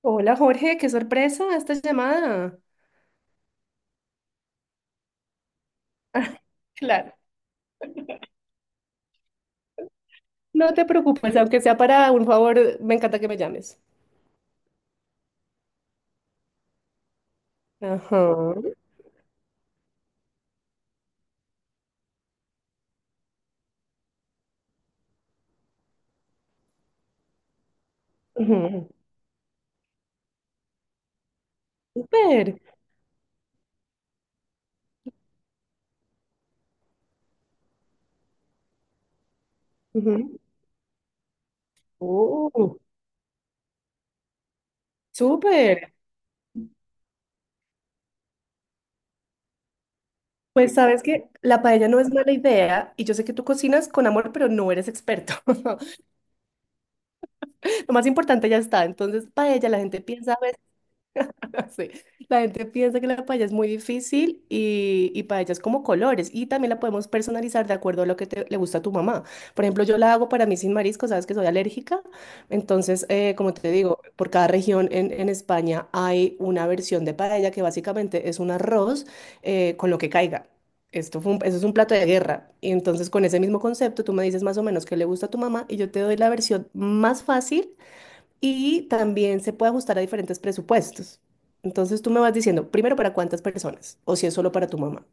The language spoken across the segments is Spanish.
Hola Jorge, qué sorpresa esta llamada. Claro. No te preocupes, aunque sea para un favor, me encanta que me llames. Ajá. Ujú. Súper. Ujú. Oh, súper. Pues sabes que la paella no es mala idea y yo sé que tú cocinas con amor, pero no eres experto. Lo más importante ya está. Entonces, paella, la gente piensa. Sí. La gente piensa que la paella es muy difícil y paella es como colores, y también la podemos personalizar de acuerdo a lo que le gusta a tu mamá. Por ejemplo, yo la hago para mí sin marisco, sabes que soy alérgica. Entonces, como te digo, por cada región en España hay una versión de paella que básicamente es un arroz con lo que caiga. Eso es un plato de guerra. Y entonces con ese mismo concepto tú me dices más o menos qué le gusta a tu mamá y yo te doy la versión más fácil, y también se puede ajustar a diferentes presupuestos. Entonces tú me vas diciendo, primero para cuántas personas o si es solo para tu mamá.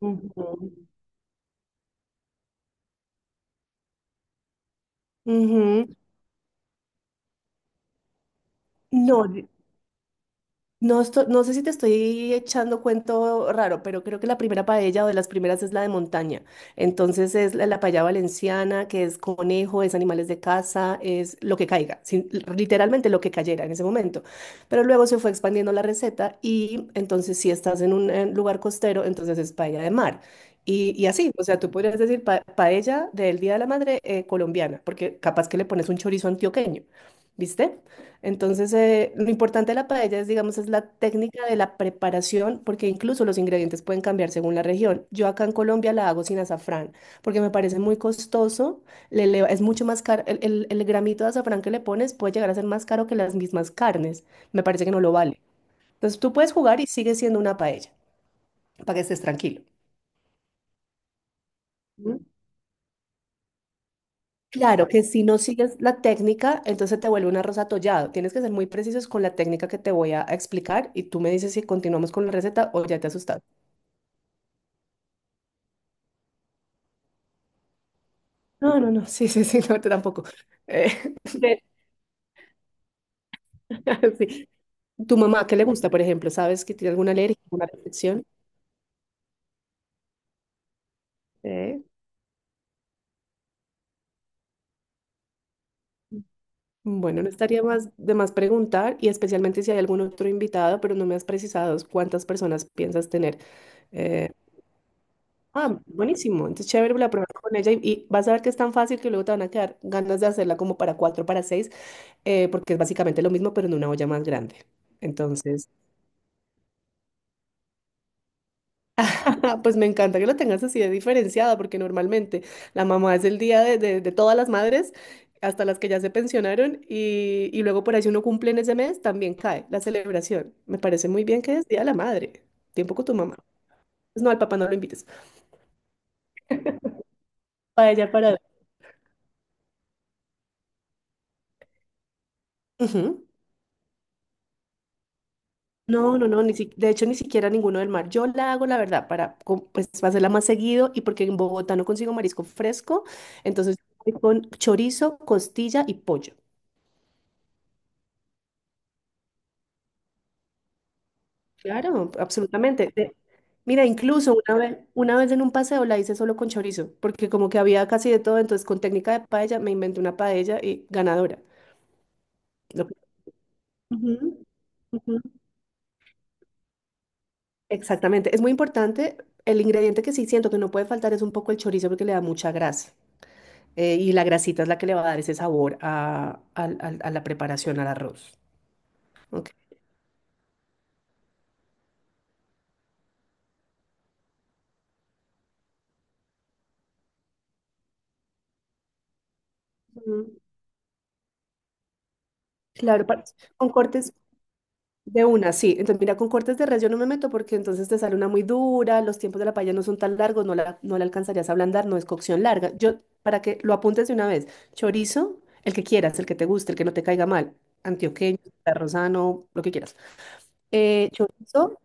Ujú. Ujú. No, no, no sé si te estoy echando cuento raro, pero creo que la primera paella o de las primeras es la de montaña. Entonces es la paella valenciana, que es conejo, es animales de casa, es lo que caiga, literalmente lo que cayera en ese momento. Pero luego se fue expandiendo la receta y entonces si estás en un lugar costero, entonces es paella de mar. Y así, o sea, tú podrías decir paella del Día de la Madre colombiana, porque capaz que le pones un chorizo antioqueño, ¿viste? Entonces, lo importante de la paella es, digamos, es la técnica de la preparación, porque incluso los ingredientes pueden cambiar según la región. Yo acá en Colombia la hago sin azafrán, porque me parece muy costoso, es mucho más caro, el gramito de azafrán que le pones puede llegar a ser más caro que las mismas carnes, me parece que no lo vale. Entonces, tú puedes jugar y sigue siendo una paella, para que estés tranquilo. Claro que si no sigues la técnica, entonces te vuelve un arroz atollado. Tienes que ser muy precisos con la técnica que te voy a explicar y tú me dices si continuamos con la receta o ya te asustaste. No, no, no, sí, sí, sí, no, tú tampoco. Eh, de- sí. ¿Tu mamá qué le gusta, por ejemplo? ¿Sabes que tiene alguna alergia, alguna restricción? Eh, Bueno, no estaría más de más preguntar y especialmente si hay algún otro invitado, pero no me has precisado cuántas personas piensas tener. eh, Ah, buenísimo. Entonces, chévere, la prueba con ella y vas a ver que es tan fácil que luego te van a quedar ganas de hacerla como para cuatro, para seis, porque es básicamente lo mismo, pero en una olla más grande. Entonces, pues me encanta que lo tengas así de diferenciada, porque normalmente la mamá es el día de todas las madres, hasta las que ya se pensionaron, y luego por ahí si uno cumple en ese mes, también cae la celebración. Me parece muy bien que es Día de la Madre. Tiempo con tu mamá. Pues no, al papá no lo invites. Para ella, para... Ujú. No, no, no, ni si- de hecho ni siquiera ninguno del mar. Yo la hago, la verdad, para pues, para hacerla más seguido y porque en Bogotá no consigo marisco fresco, entonces voy con chorizo, costilla y pollo. Claro, absolutamente. Mira, incluso una vez en un paseo la hice solo con chorizo, porque como que había casi de todo, entonces con técnica de paella me inventé una paella y ganadora. Lo- Ujú, ujú. Exactamente, es muy importante. El ingrediente que sí siento que no puede faltar es un poco el chorizo porque le da mucha grasa. Y la grasita es la que le va a dar ese sabor a, a la preparación al arroz. Ok. Mm. Claro, con cortes de una, sí. Entonces, mira, con cortes de res yo no me meto porque entonces te sale una muy dura, los tiempos de la paella no son tan largos, no la, no la alcanzarías a ablandar, no es cocción larga. Yo, para que lo apuntes de una vez, chorizo, el que quieras, el que te guste, el que no te caiga mal, antioqueño, rosano, lo que quieras. Chorizo.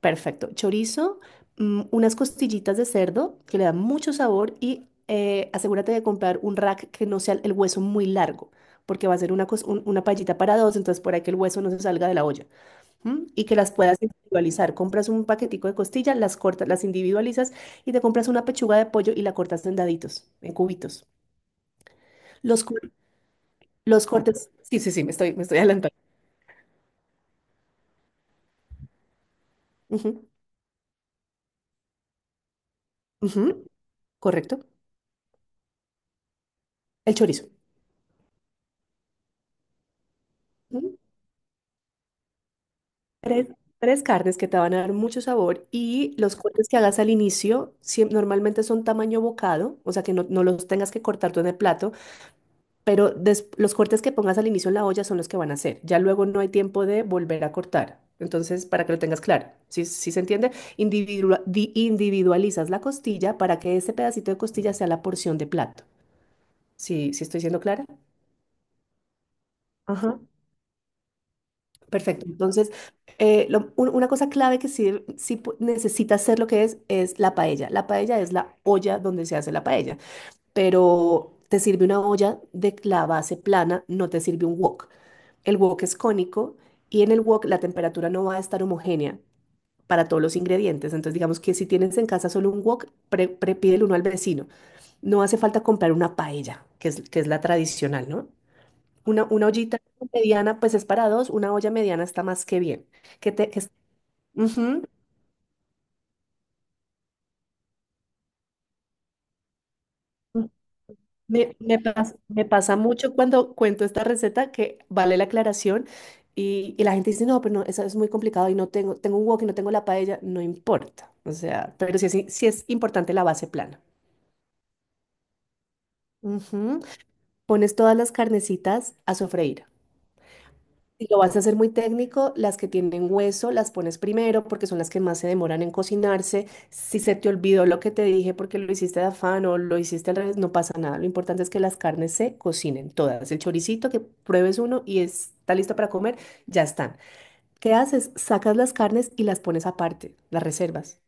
Perfecto. Chorizo, mm, unas costillitas de cerdo que le dan mucho sabor y asegúrate de comprar un rack que no sea el hueso muy largo, porque va a ser una, una paellita para dos, entonces por ahí que el hueso no se salga de la olla. ¿M? Y que las puedas individualizar. Compras un paquetico de costillas, las cortas, las individualizas y te compras una pechuga de pollo y la cortas en daditos, en cubitos. Los, cor- los cortes. Sí, sí, sí, me estoy adelantando. Ujú, ujú, correcto. El chorizo. Tres, tres carnes que te van a dar mucho sabor y los cortes que hagas al inicio normalmente son tamaño bocado, o sea que no, no los tengas que cortar tú en el plato, pero los cortes que pongas al inicio en la olla son los que van a hacer. Ya luego no hay tiempo de volver a cortar. Entonces, para que lo tengas claro, sí, sí, ¿se entiende? Individualizas la costilla para que ese pedacito de costilla sea la porción de plato. ¿Sí, sí estoy siendo clara? Ajá. Perfecto. Entonces, una cosa clave que sí, sí, necesita hacer lo que es la paella. La paella es la olla donde se hace la paella, pero te sirve una olla de la base plana, no te sirve un wok. El wok es cónico y en el wok la temperatura no va a estar homogénea para todos los ingredientes. Entonces, digamos que si tienes en casa solo un wok, pídele uno al vecino. No hace falta comprar una paella, que es la tradicional, ¿no? Una ollita mediana, pues es para dos, una olla mediana está más que bien. Que te, que es- Ujú. Me pasa mucho cuando cuento esta receta que vale la aclaración y la gente dice, no, pero no, eso es muy complicado y no tengo, tengo un wok y no tengo la paella, no importa. O sea, pero sí es importante la base plana. Ujú. Pones todas las carnecitas a sofreír. Si lo vas a hacer muy técnico, las que tienen hueso las pones primero porque son las que más se demoran en cocinarse. Si se te olvidó lo que te dije porque lo hiciste de afán o lo hiciste al revés, no pasa nada. Lo importante es que las carnes se cocinen todas. El choricito, que pruebes uno y está listo para comer, ya están. ¿Qué haces? Sacas las carnes y las pones aparte, las reservas.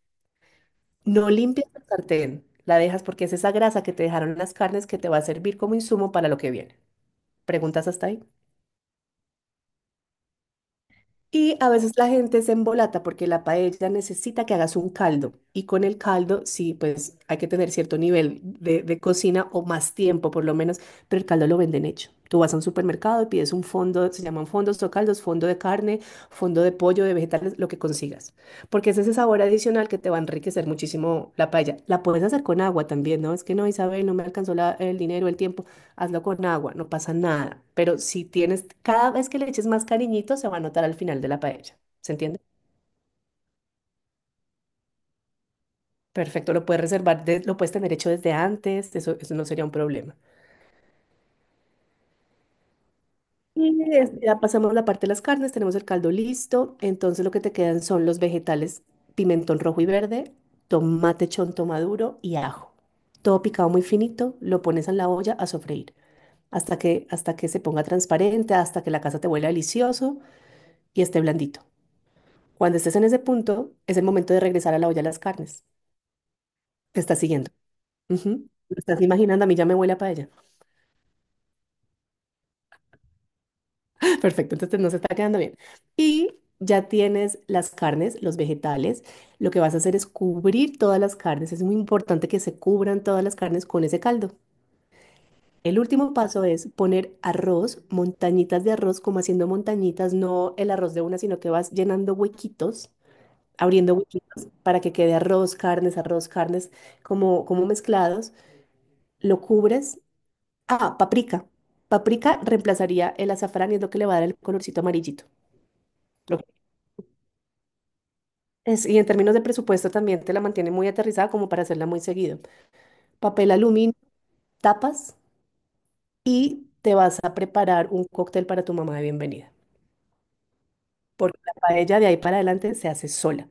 No limpias el sartén, la dejas porque es esa grasa que te dejaron las carnes que te va a servir como insumo para lo que viene. ¿Preguntas hasta ahí? Y a veces la gente se embolata porque la paella necesita que hagas un caldo. Y con el caldo, sí, pues hay que tener cierto nivel de cocina o más tiempo por lo menos, pero el caldo lo venden hecho. Tú vas a un supermercado y pides un fondo, se llaman fondos o caldos, fondo de carne, fondo de pollo, de vegetales, lo que consigas. Porque es ese sabor adicional que te va a enriquecer muchísimo la paella. La puedes hacer con agua también, ¿no? Es que no, Isabel, no me alcanzó el dinero, el tiempo. Hazlo con agua, no pasa nada. Pero si tienes, cada vez que le eches más cariñito, se va a notar al final de la paella. ¿Se entiende? Perfecto, lo puedes reservar, lo puedes tener hecho desde antes, eso no sería un problema. Ya pasamos la parte de las carnes, tenemos el caldo listo, entonces lo que te quedan son los vegetales, pimentón rojo y verde, tomate chonto maduro y ajo. Todo picado muy finito, lo pones en la olla a sofreír hasta que se ponga transparente, hasta que la casa te huela delicioso y esté blandito. Cuando estés en ese punto, es el momento de regresar a la olla de las carnes. Te estás siguiendo. Ujú. Lo estás imaginando, a mí ya me huele a paella. Perfecto, entonces nos está quedando bien. Y ya tienes las carnes, los vegetales. Lo que vas a hacer es cubrir todas las carnes. Es muy importante que se cubran todas las carnes con ese caldo. El último paso es poner arroz, montañitas de arroz, como haciendo montañitas, no el arroz de una, sino que vas llenando huequitos, abriendo huequitos para que quede arroz, carnes, como mezclados. Lo cubres. Ah, paprika. Paprika reemplazaría el azafrán y es lo que le va a dar el colorcito amarillito. Lo- y en términos de presupuesto también te la mantiene muy aterrizada como para hacerla muy seguido. Papel aluminio, tapas y te vas a preparar un cóctel para tu mamá de bienvenida. Porque la paella de ahí para adelante se hace sola.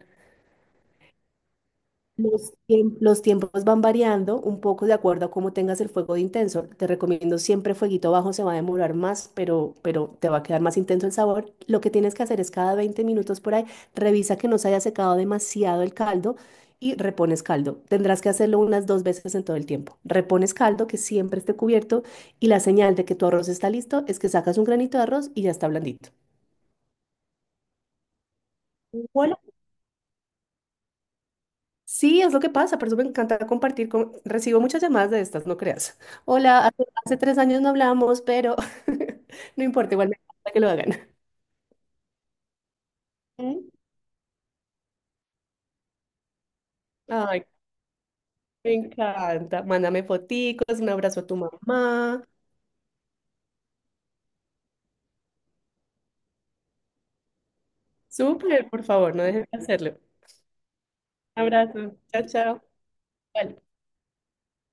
Los tiempos van variando un poco de acuerdo a cómo tengas el fuego de intenso. Te recomiendo siempre fueguito bajo, se va a demorar más, pero te va a quedar más intenso el sabor. Lo que tienes que hacer es cada 20 minutos por ahí, revisa que no se haya secado demasiado el caldo y repones caldo. Tendrás que hacerlo unas 2 veces en todo el tiempo. Repones caldo, que siempre esté cubierto, y la señal de que tu arroz está listo es que sacas un granito de arroz y ya está blandito. Igual sí, es lo que pasa, por eso me encanta compartir con... Recibo muchas llamadas de estas, no creas. Hola, hace 3 años no hablamos, pero no importa, igual me encanta que lo hagan. ¿Mm? Ay, me encanta. Mándame foticos, un abrazo a tu mamá. Súper, por favor, no dejes de hacerlo. Un abrazo. Chao, chao. Vale.